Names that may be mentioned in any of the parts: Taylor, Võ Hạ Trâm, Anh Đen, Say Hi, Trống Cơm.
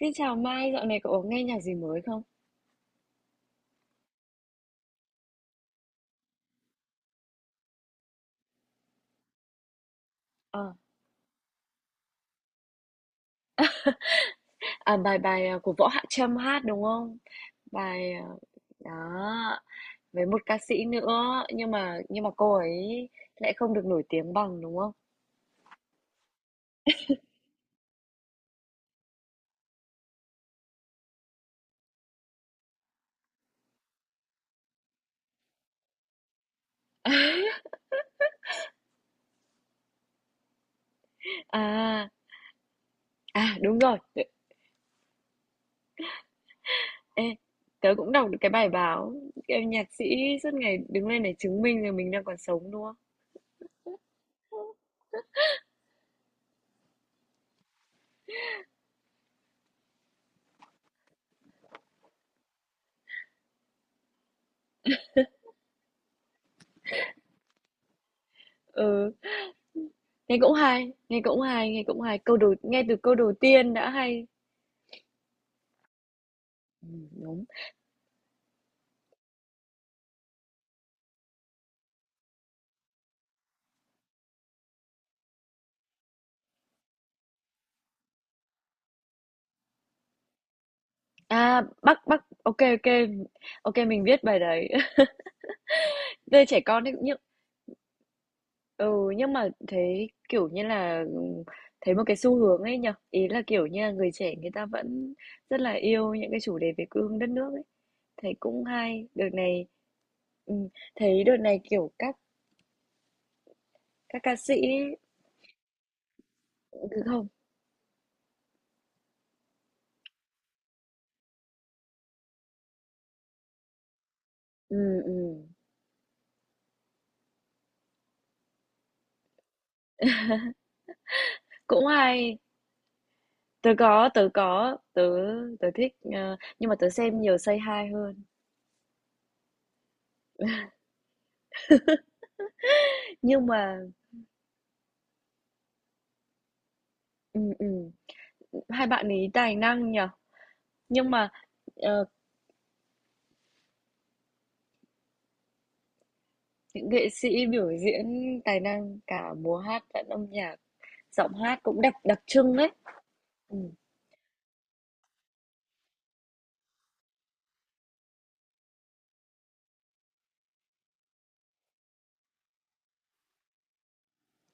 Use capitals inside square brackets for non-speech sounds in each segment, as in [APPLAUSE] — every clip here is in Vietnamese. Xin chào Mai, dạo này cậu có nghe nhạc gì mới không? Ờ, à, bài bài à, của Võ Hạ Trâm hát đúng không? Bài à, đó với một ca sĩ nữa nhưng mà cô ấy lại không được nổi tiếng bằng đúng không? [LAUGHS] À à, đúng rồi. Ê, tớ cũng đọc được cái bài báo em nhạc sĩ suốt ngày đứng lên để chứng minh rằng mình đang còn sống đúng không? Ừ, nghe cũng hay, nghe cũng hay, nghe cũng hay. Câu đầu nghe từ câu đầu tiên đã hay. Ừ, đúng. À, Bắc Bắc, ok ok, ô, mình viết bài đấy. [LAUGHS] Về trẻ con ấy nhưng mà thế, kiểu như là, thấy một cái xu hướng ấy nhở? Ý là, kiểu như là, người trẻ người ta vẫn rất là yêu những cái chủ đề về quê hương đất nước ấy. Thấy cũng hay, đợt này ừm, thấy đợt này, kiểu, các ca sĩ ấy, ừ, không, ừm, ừm, cũng hay. Tớ có, tớ có, tớ tớ thích, nhưng mà tớ xem nhiều Say Hi hơn. Nhưng mà ừm, ừm, hai bạn ấy tài năng nhỉ? Nhưng mà ờ, những nghệ sĩ biểu diễn tài năng cả múa hát lẫn âm nhạc, giọng hát cũng đặc đặc trưng đấy. Ừ,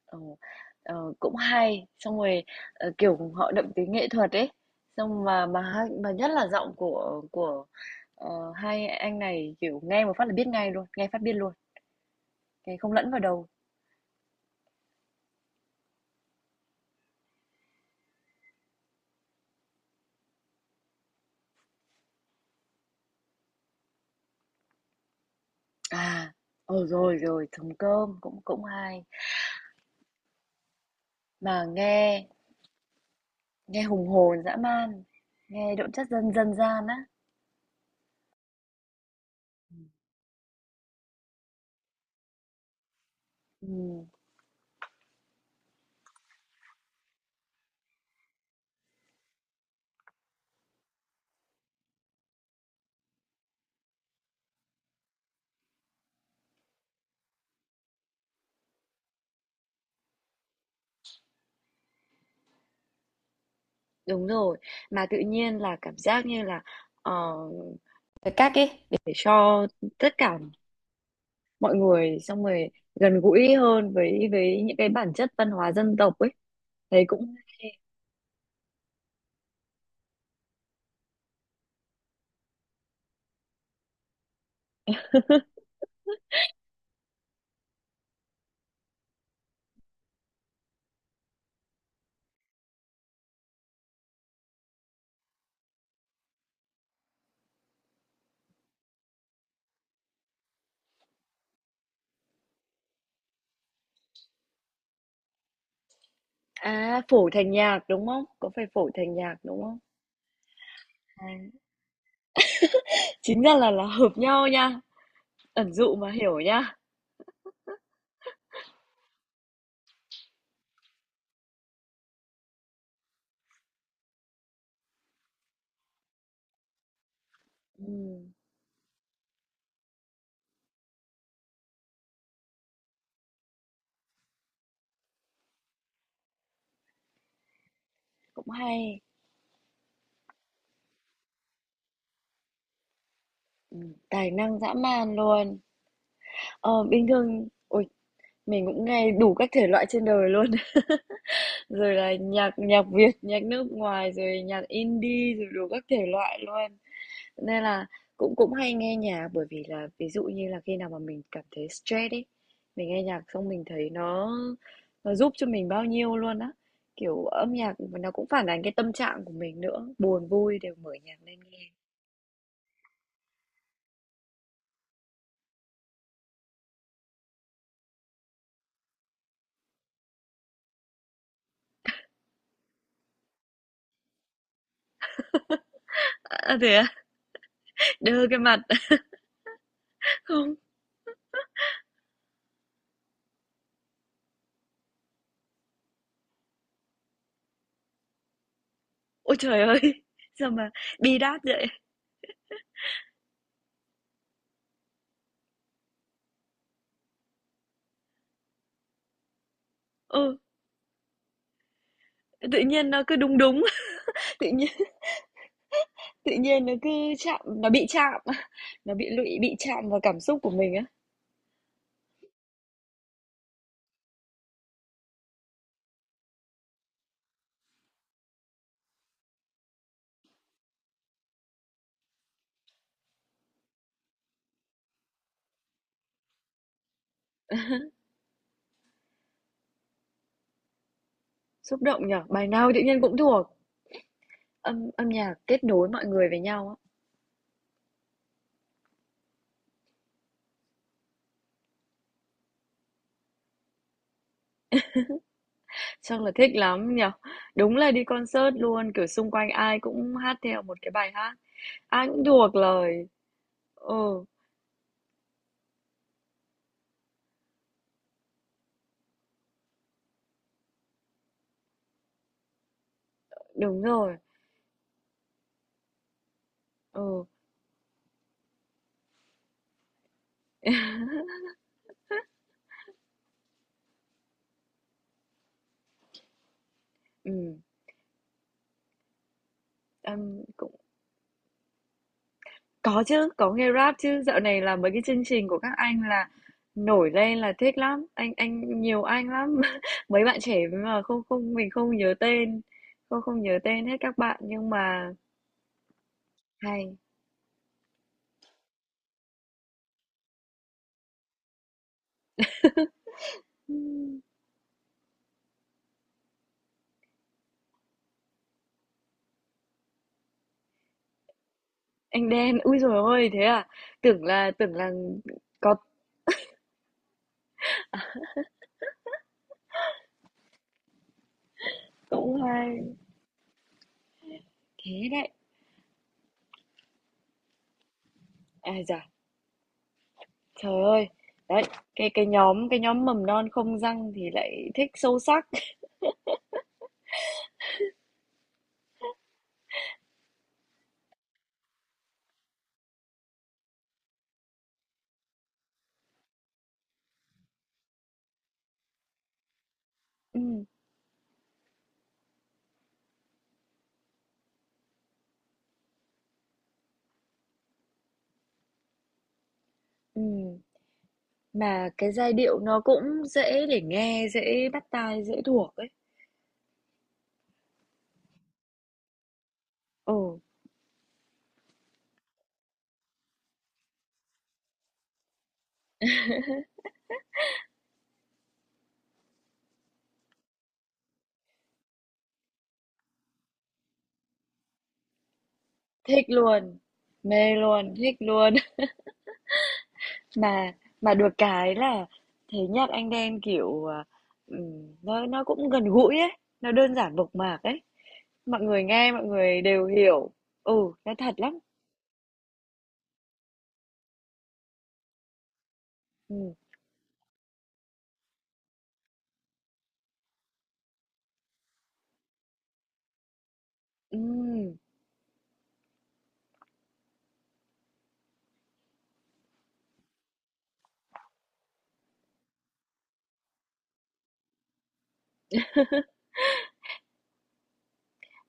ờ, cũng hay, xong rồi kiểu họ đậm tính nghệ thuật ấy. Xong mà hai- mà nhất là giọng của hai anh này kiểu nghe một phát là biết ngay luôn, nghe phát biết luôn, nghe không lẫn vào đầu. À, ờ rồi rồi, Trống Cơm cũng cũng hay. Mà nghe nghe hùng hồn dã man, nghe đậm chất dân dân gian á. Ừ. Ừ. Đúng rồi, mà tự nhiên là cảm giác như là, ờ, Cái cách ấy để cho tất cả mọi người xong rồi gần gũi hơn với những cái bản chất văn hóa dân tộc ấy. Thấy cũng hay. [LAUGHS] À, phổi thành nhạc, đúng không? Có phải phổi thành nhạc, đúng không? À, chính ra là hợp nhau nha, ẩn dụ mà hiểu nha. Ừm, Cũng hay, tài năng dã man luôn. Ờ, bình thường, ôi, mình cũng nghe đủ các thể loại trên đời luôn. Rồi là nhạc nhạc Việt, nhạc nước ngoài, rồi nhạc indie, rồi đủ các thể loại luôn. Nên là cũng cũng hay nghe nhạc bởi vì là ví dụ như là khi nào mà mình cảm thấy stress ấy, mình nghe nhạc xong mình thấy nó giúp cho mình bao nhiêu luôn á. Kiểu âm nhạc nó cũng phản ánh cái tâm trạng của mình nữa, buồn vui đều mở nhạc lên nghe. À, thế à? Đơ cái mặt. [LAUGHS] Không. Ôi trời ơi. [LAUGHS] Sao mà bi đát vậy? Ừ, tự nhiên nó cứ đúng đúng, [LAUGHS] tự nhiên Tự nhiên nó cứ chạm nó bị chạm, [LAUGHS] nó bị lụy, bị chạm vào cảm xúc của mình á. Xúc động nhở? Bài nào tự nhiên cũng thuộc. Âm âm nhạc kết nối mọi người với nhau á. Chắc là thích lắm nhở? Đúng là đi concert luôn, kiểu xung quanh ai cũng hát theo một cái bài hát. Ai cũng thuộc lời. Ừ, đúng rồi. Ừ, ừm, âm cũng Có chứ, có nghe Rap chứ, dạo này là mấy cái chương trình của các anh là nổi lên là thích lắm, anh nhiều anh lắm. [LAUGHS] Mấy bạn trẻ mà không không mình không nhớ tên, không không nhớ tên hết các bạn nhưng mà hay. Ừm, Anh Đen, ui dồi ôi thế à? Tưởng là có cũng hay. Thế đấy. À dạ, trời ơi. Đấy, cái nhóm mầm non không răng thì lại thích sâu sắc. [LAUGHS] Ừ, ừ. Mà cái giai điệu nó cũng dễ để nghe, dễ bắt tai, dễ thuộc ấy. Ồ thích luôn, mê luôn, thích luôn. [LAUGHS] Mà mà được cái là thấy nhạc Anh Đen, kiểu, à, nó cũng gần gũi ấy, nó đơn giản mộc mạc ấy. Mọi người nghe mọi người đều hiểu. Ừ, nó thật lắm. Ừm, ừm.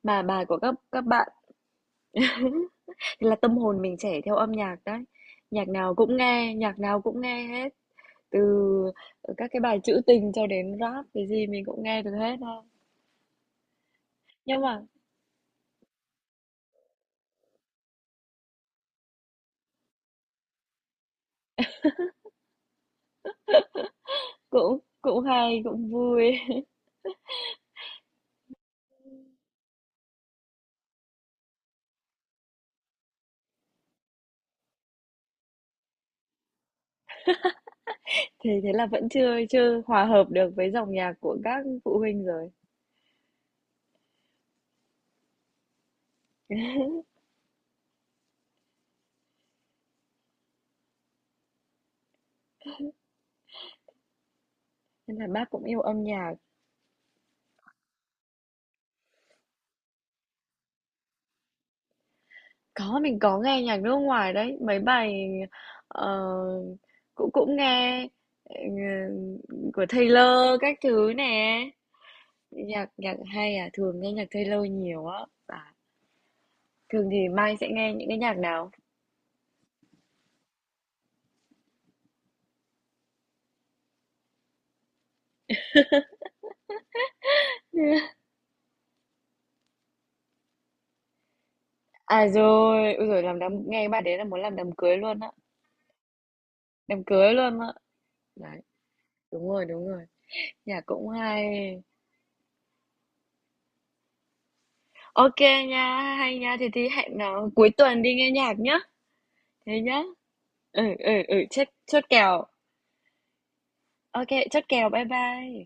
Mà bài của các bạn thì là tâm hồn mình trẻ theo âm nhạc đấy. Nhạc nào cũng nghe, nhạc nào cũng nghe hết. Từ các cái bài trữ tình cho đến Rap, cái gì mình cũng nghe được hết ha. Nhưng mà cũng cũng hay, cũng vui. [LAUGHS] Thì thế là vẫn chưa chưa hòa hợp được với dòng nhạc của các phụ huynh rồi. Nên là bác cũng yêu âm nhạc. Có mình có nghe nhạc nước ngoài đấy, mấy bài ờ, cũng cũng nghe ờ, của Taylor các thứ nè. Nhạc nhạc hay à, thường nghe nhạc Taylor nhiều á. À, thường thì Mai sẽ nghe những cái nhạc nào? À rồi, ôi giời làm đám nghe bạn đấy là muốn làm đám cưới luôn á, đám cưới luôn á. Đấy, đúng rồi, đúng rồi. Nhạc cũng hay. Ok nha, hay nha. Thì hẹn nó cuối tuần đi nghe nhạc nhá. Thế nhá. Ừ ừ ừ, chốt chốt kèo. Ok, chốt kèo. Bye bye.